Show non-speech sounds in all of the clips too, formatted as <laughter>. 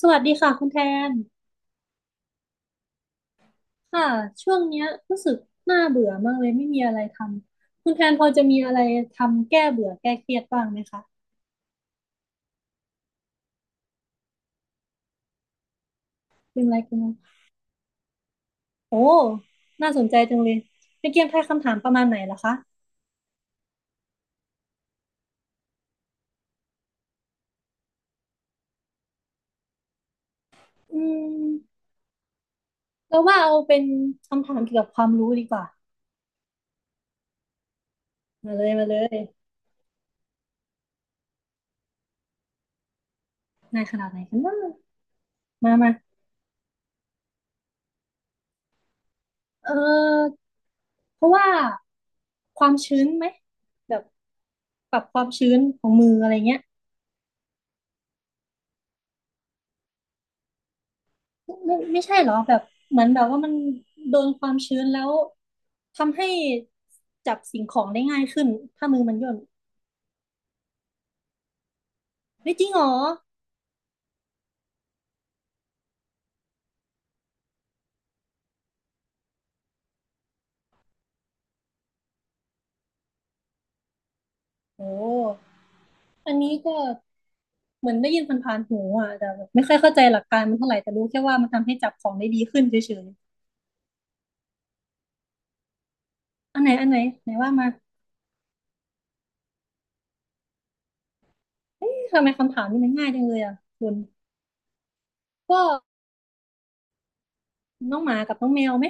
สวัสดีค่ะคุณแทนค่ะช่วงเนี้ยรู้สึกน่าเบื่อมากเลยไม่มีอะไรทำคุณแทนพอจะมีอะไรทำแก้เบื่อแก้เครียดบ้างไหมคะเป็นอะไรกันบ้างโอ้น่าสนใจจังเลยเป็นเกมทายคำถามประมาณไหนล่ะคะอืมเราว่าเอาเป็นคำถามเกี่ยวกับความรู้ดีกว่ามาเลยมาเลยนายขนาดไหนกันบ้างมามาเออเพราะว่าความชื้นไหมแบบปรับความชื้นของมืออะไรเงี้ย ไม่ใช่เหรอแบบเหมือนแบบว่ามันโดนความชื้นแล้วทำให้จับสิ่งของได้ง่ายขึ้นถ้ามือมันย่นเฮ้ยจริงเหรอโอ้อันนี้ก็เหมือนได้ยินผ่านๆหูอ่ะแต่แบบไม่ค่อยเข้าใจหลักการมันเท่าไหร่แต่รู้แค่ว่ามันทำให้จับของได้ดีขึ้นเฉยๆอันไหนอันไหนไหนว่ามาทำไมคำถามนี้มันง่ายจังเลยอ่ะคุณก็น้องหมากับน้องแมวไหม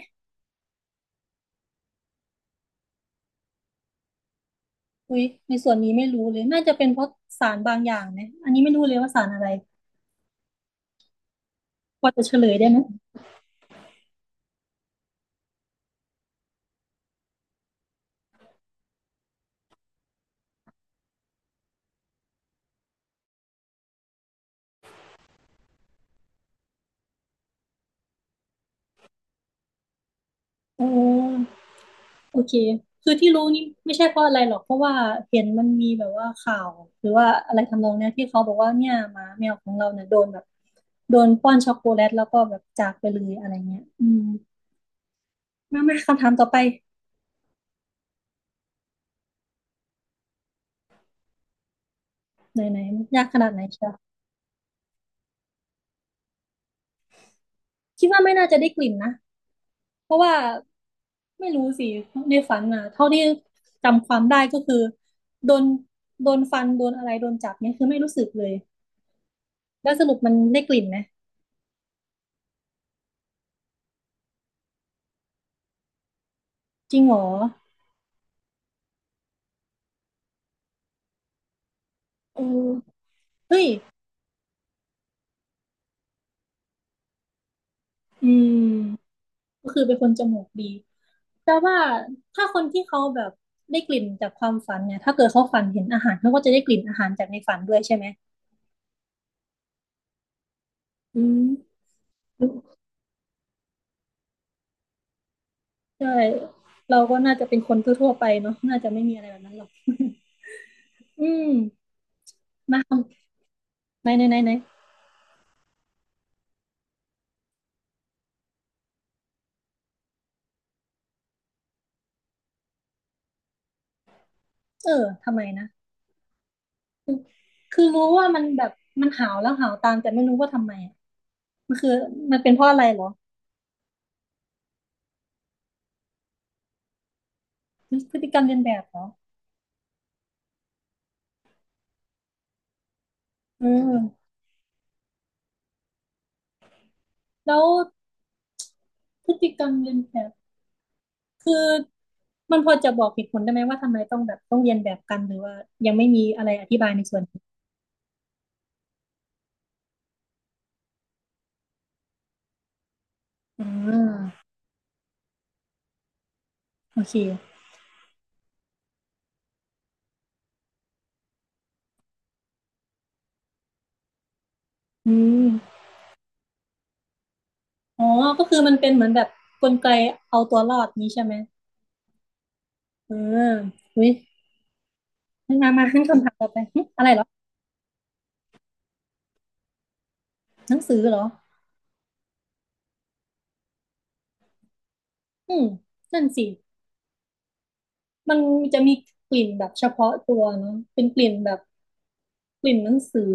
อุ้ยในส่วนนี้ไม่รู้เลยน่าจะเป็นเพราะสารบางอย่างไหมอันนี้ไม่รู้เลยว่าสารอะไรพอจะเฉลยได้ไหมโอ้ โอเคคือที่รู้นี่ไม่ใช่เพราะอะไรหรอกเพราะว่าเห็นมันมีแบบว่าข่าวหรือว่าอะไรทำนองเนี้ยที่เขาบอกว่าเนี่ยหมาแมวของเราเนี่ยโดนแบบโดนป้อนช็อกโกแลตแล้วก็แบบจากไปเลยอะไรเงี้ยอืมมามาคำถามต่อไปไหนไหนยากขนาดไหนเชียวคิดว่าไม่น่าจะได้กลิ่นนะเพราะว่าไม่รู้สิในฝันอ่ะเท่าที่จำความได้ก็คือโดนโดนฟันโดนอะไรโดนจับเนี่ยคือไม่รู้สึกเลยแล้วสรุปมันได้กลิ่นไหมจริงเหรอเอืเฮ้ย อืมก็คือเป็นคนจมูกดีแต่ว่าถ้าคนที่เขาแบบได้กลิ่นจากความฝันเนี่ยถ้าเกิดเขาฝันเห็นอาหารเขาก็จะได้กลิ่นอาหารจากในฝันด้วยใช่ไหมอืมใช่เราก็น่าจะเป็นคนทั่วๆไปเนาะน่าจะไม่มีอะไรแบบนั้นหรอก <laughs> อืมาไหนไหนไหนไหนเออทำไมนะคือรู้ว่ามันแบบมันหาวแล้วหาวตามแต่ไม่รู้ว่าทำไมอะมันคือมันเป็นเพราะอะไรเหรอมันพฤติกรรมเลียนแบบเหรอเออแล้วพฤติกรรมเลียนแบบ คือมันพอจะบอกเหตุผลได้ไหมว่าทำไมต้องแบบต้องเรียนแบบกันหรือว่ายังไม่มีอะไรอธิบายในส่วนนี้อ่าโอเคอืมอ๋อก็คือมันเป็นเหมือนแบบกลไกเอาตัวรอดนี้ใช่ไหมเอออุ้ยมามาขึ้นคำถามต่อไปหึอะไรเหรอหนังสือเหรออืมนั่นสิมันจะมีกลิ่นแบบเฉพาะตัวเนาะเป็นกลิ่นแบบกลิ่นหนังสือ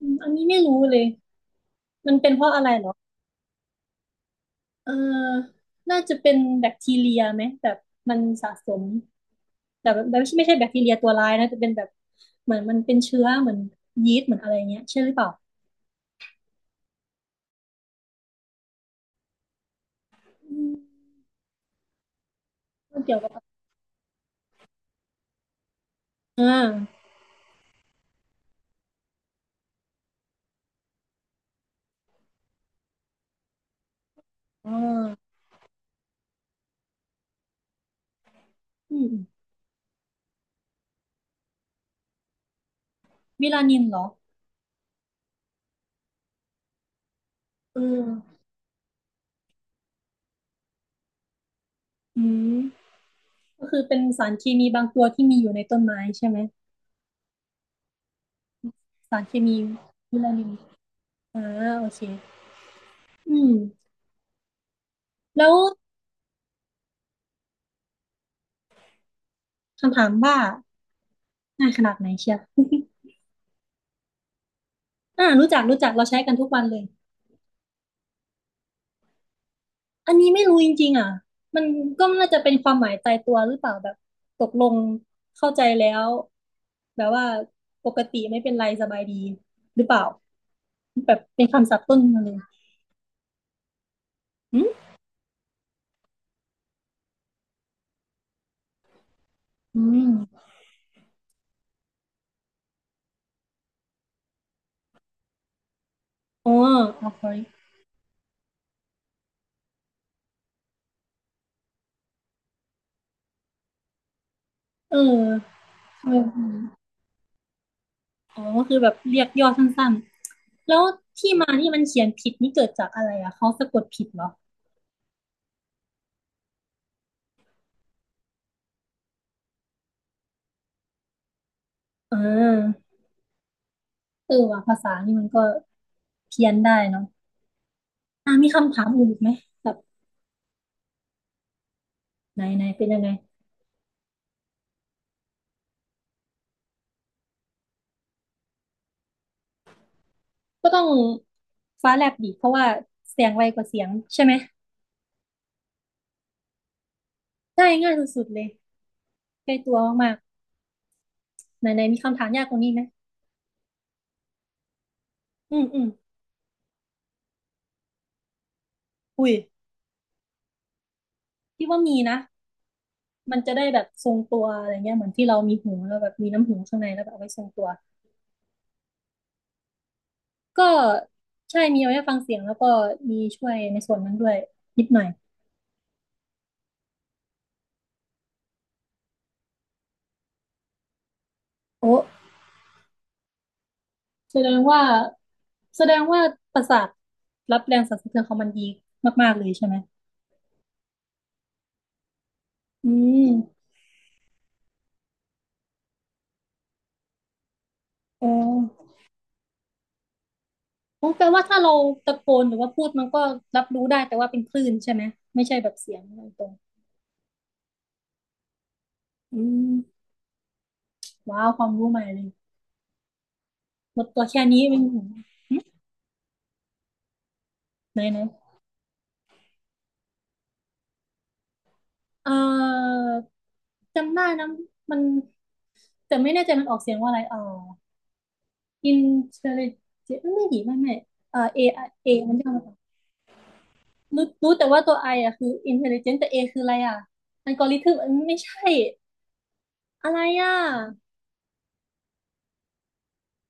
อืมอันนี้ไม่รู้เลยมันเป็นเพราะอะไรเหรอ เออน่าจะเป็นแบคทีเรียไหมแบบมันสะสม แต่แบบไม่ใช่แบคทีเรียตัวร้ายนะจะเป็นแบบเหมือนมันเป็นเชื้อเหมือนยีสต์เหมือนอะไรเงี้ยใช่หรือเปล่าอืมเกี่ยวกับอ่าอ่าอืมวิลานินเหรอเอออืมก็คือเป็นสารเคมีบางตัวที่มีอยู่ในต้นไม้ใช่ไหม สารเคมีวิลานินอ่าโอเคอืมแล้วคำถามว่าง่ายขนาดไหนเชียวอ่ารู้จักเราใช้กันทุกวันเลย อันนี้ไม่รู้จริงๆอ่ะมันก็น่าจะเป็นความหมายตายตัวหรือเปล่าแบบตกลงเข้าใจแล้วแบบว่าปกติไม่เป็นไรสบายดีหรือเปล่าแบบเป็นคำศัพท์ต้นมาเลยอืมอืมอ๋อเอาเออเอออ๋อก็คือแบบเรียกย่อสั้นๆ แล้วที่มาที่มันเขียนผิดนี่เกิดจากอะไรอ่ะเขาสะกดผิดเหรออ่าเออว่ะภาษานี่มันก็เพี้ยนได้เนาะอ่ามีคำถามอื่นอีกไหมแบบไหนไหนเป็นยังไง ก็ต้องฟ้าแลบดิเพราะว่าเสียงไวกว่าเสียงใช่ไหมได้ง่ายสุดๆเลยใกล้ตัวมากๆไหนๆมีคำถามยากกว่านี้ไหมอืมอืมอุ้ยพี่ว่ามีนะมันจะได้แบบทรงตัวอะไรเงี้ยเหมือนที่เรามีหูแล้วแบบมีน้ำหูข้างในแล้วแบบเอาไว้ทรงตัวก็ใช่มีเอาไว้ฟังเสียงแล้วก็มีช่วยในส่วนนั้นด้วยนิดหน่อยโอ้แสดงว่าแสดงว่าประสาทรับแรงสั่นสะเทือนของมันดีมากๆเลยใช่ไหมอืมโอ้ โอ้แปลว่าถ้าเราตะโกนหรือว่าพูดมันก็รับรู้ได้แต่ว่าเป็นคลื่นใช่ไหมไม่ใช่แบบเสียงอะไรตรงอืมว้าวความรู้ใหม่เลยหมดตัวแค่นี้ไม่มีไหนไหนเอ่อจำได้นะมันแต่ไม่แน่ใจมันออกเสียงว่าอะไรintelligent ไม่ดีไม่เอเอมันเรียกว่าอะไรรู้รู้แต่ว่าตัว I ออ่ะคือ intelligent แต่ A คืออะไรอ่ะอัลกอริทึมไม่ใช่อะไรอ่ะ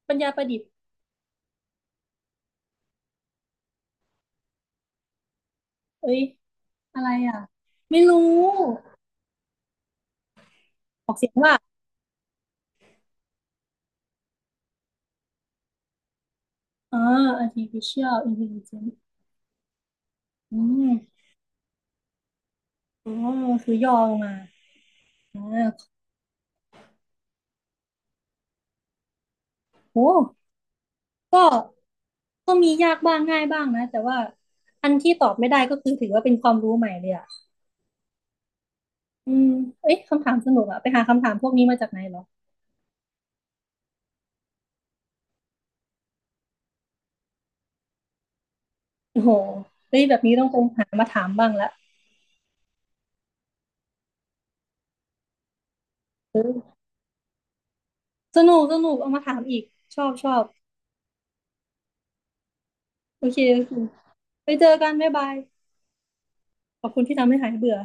ปัญญาประดิษฐ์เอ้ยอะไรอ่ะไม่รู้ ออกเสียงว่าอ่า artificial intelligence อืมอ๋อคือย่อลงมาอ่าโอ้ก็ก็มียากบ้างง่ายบ้างนะ แต่ว่าอันที่ตอบไม่ได้ก็คือถือว่าเป็นความรู้ใหม่เลยอ่ะอืมเอ้ยคำถามสนุกอ่ะ ไปหาคำถามพวกนี้มาจากไหนเหรอโอ้โหเฮ้ยแบบนี้ต้องไปหามาถามบ้างละเออสนุกสนุกเอามาถามอีก ชอบชอบโอเคโอเค ไปเจอกันบ๊ายบาย ขอบคุณที่ทำให้หายเบื่อ